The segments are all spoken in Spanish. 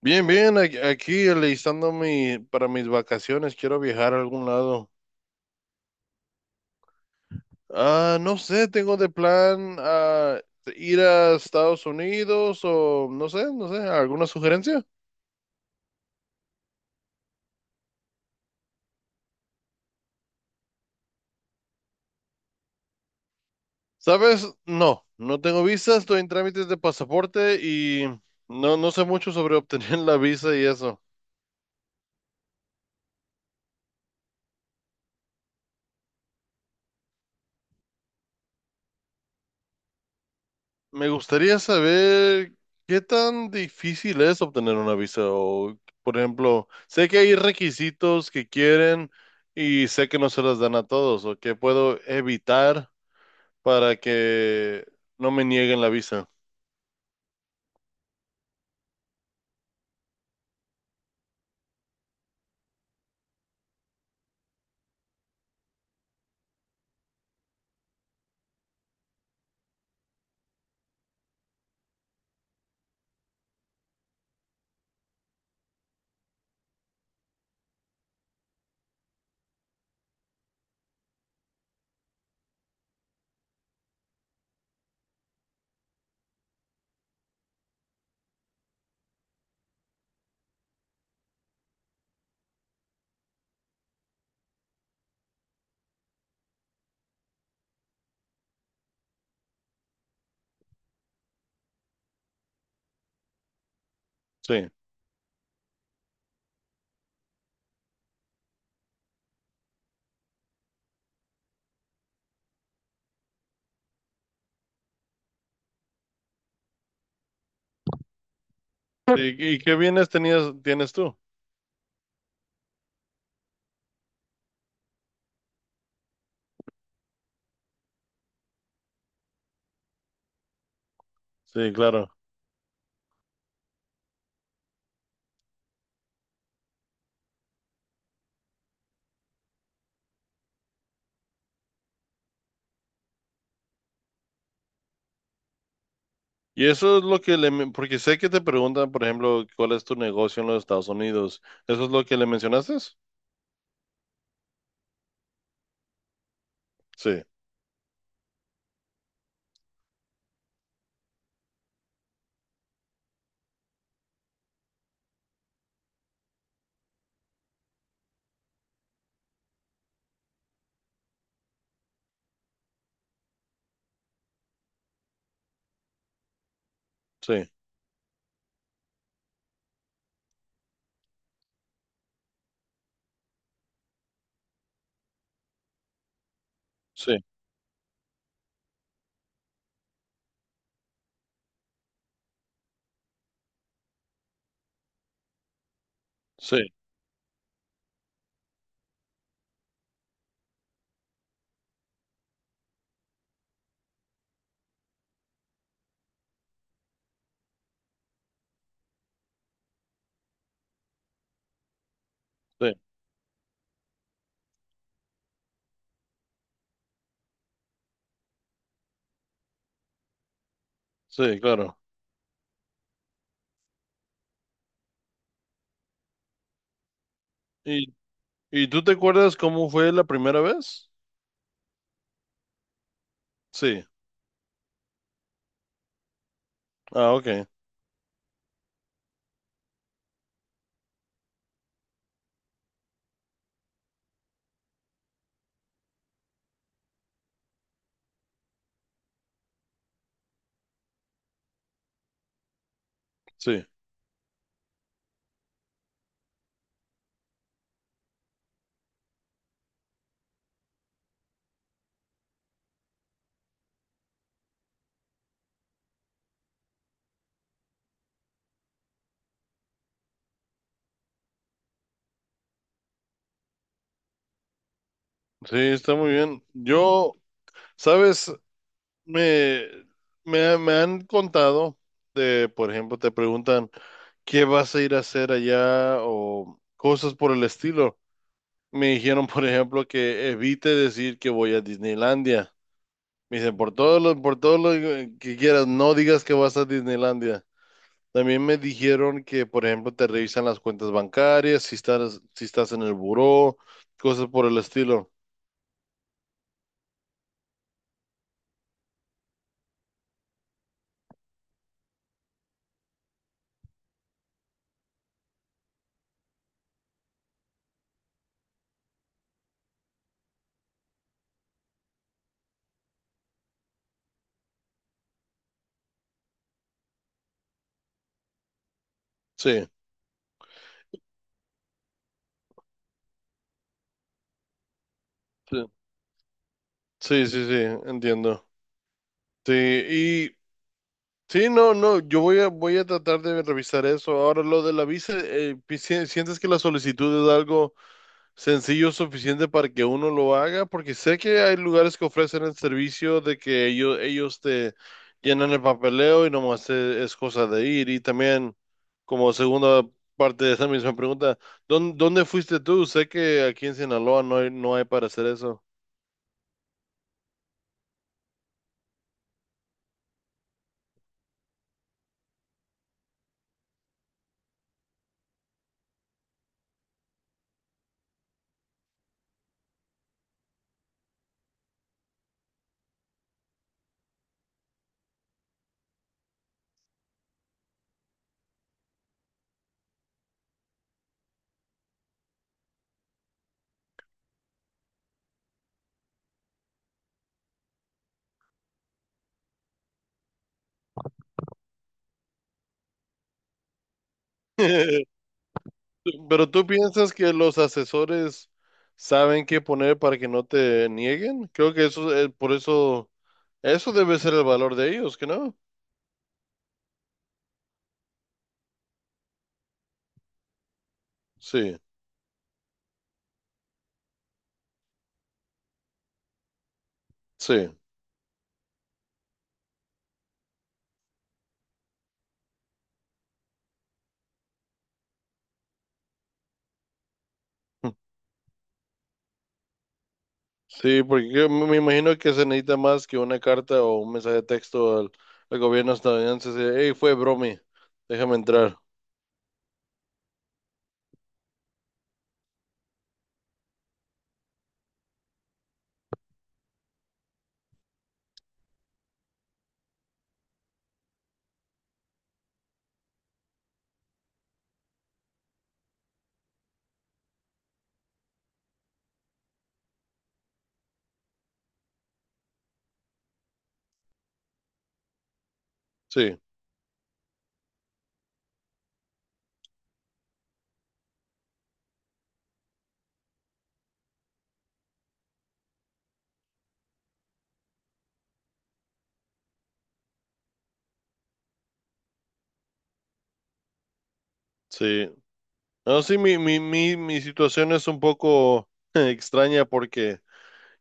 Bien, bien, aquí alistando para mis vacaciones, quiero viajar a algún lado. No sé, tengo de plan ir a Estados Unidos o no sé, no sé, ¿alguna sugerencia? ¿Sabes? No, no tengo visa, estoy en trámites de pasaporte y no, no sé mucho sobre obtener la visa y eso. Me gustaría saber qué tan difícil es obtener una visa o, por ejemplo, sé que hay requisitos que quieren y sé que no se las dan a todos o que puedo evitar para que no me nieguen la visa. Sí. Y qué bienes tenías, tienes tú? Sí, claro. Y eso es lo que porque sé que te preguntan, por ejemplo, cuál es tu negocio en los Estados Unidos. ¿Eso es lo que le mencionaste? Sí, sí, sí, sí, sí, sí, claro. ¿Y tú te acuerdas cómo fue la primera vez? Sí. Ah, ok. Sí. Sí, está muy bien. Yo, sabes, me, me han contado de, por ejemplo, te preguntan, ¿qué vas a ir a hacer allá? O cosas por el estilo. Me dijeron, por ejemplo, que evite decir que voy a Disneylandia. Me dicen, por todo lo que quieras, no digas que vas a Disneylandia. También me dijeron que, por ejemplo, te revisan las cuentas bancarias, si estás en el buró, cosas por el estilo. Sí, sí, sí, sí, sí, entiendo. Sí. Sí, no, no, voy a tratar de revisar eso. Ahora, lo de la visa, ¿sientes que la solicitud es algo sencillo suficiente para que uno lo haga? Porque sé que hay lugares que ofrecen el servicio de que ellos te llenan el papeleo y nomás cosa de ir. Y también, como segunda parte de esa misma pregunta, ¿dónde fuiste tú? Sé que aquí en Sinaloa no hay para hacer eso. Pero ¿tú piensas que los asesores saben qué poner para que no te nieguen? Creo que eso debe ser el valor de ellos, ¿que no? Sí, sí, sí, porque yo me imagino que se necesita más que una carta o un mensaje de texto al gobierno estadounidense. De, "Hey, fue bromi, déjame entrar". Sí, sí. No, sí, mi situación es un poco extraña porque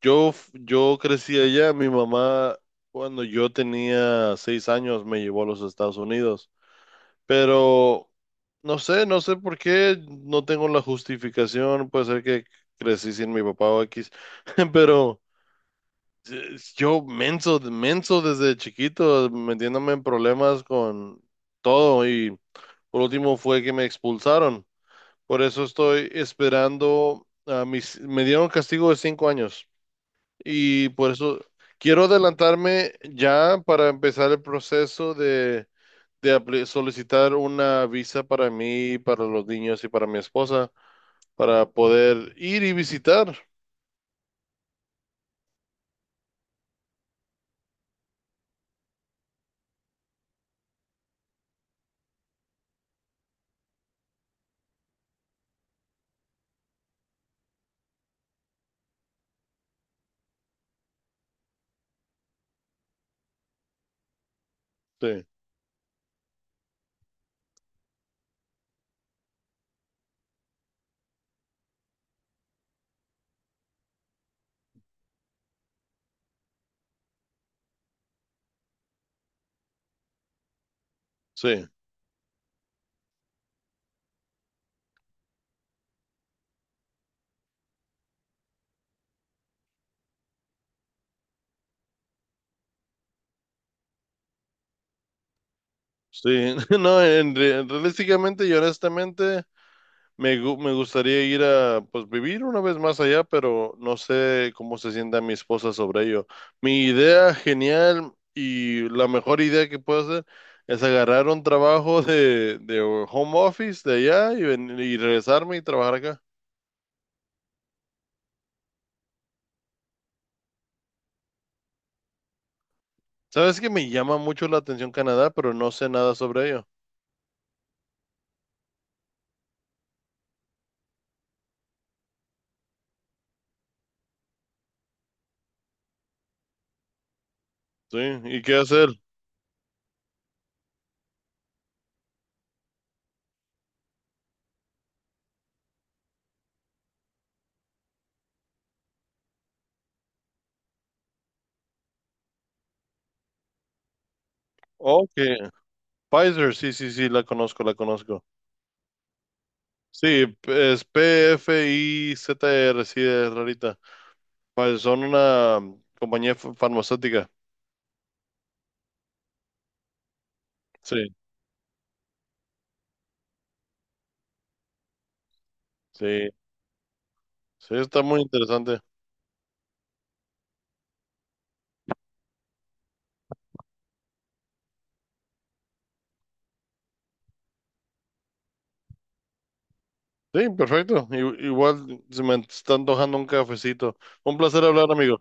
Yo, yo crecí allá. Mi mamá, cuando yo tenía 6 años, me llevó a los Estados Unidos, pero no sé, no sé por qué, no tengo la justificación. Puede ser que crecí sin mi papá o X, pero yo menso, menso desde chiquito, metiéndome en problemas con todo, y por último fue que me expulsaron. Por eso estoy esperando a me dieron castigo de 5 años. Y por eso quiero adelantarme ya para empezar el proceso de solicitar una visa para mí, para los niños y para mi esposa, para poder ir y visitar. Sí, sí, sí. No, en, realísticamente y honestamente, me gustaría ir a, pues, vivir una vez más allá, pero no sé cómo se sienta mi esposa sobre ello. Mi idea genial y la mejor idea que puedo hacer es agarrar un trabajo de home office de allá y, y regresarme y trabajar acá. Sabes que me llama mucho la atención Canadá, pero no sé nada sobre ello. Sí, ¿y qué hacer? Ok, Pfizer, sí, sí, sí, la conozco, la conozco. Sí, es PFIZR, sí, es rarita. Pues son una compañía farmacéutica. Sí, sí, sí, está muy interesante. Sí, perfecto. Igual se me está antojando un cafecito. Un placer hablar, amigo.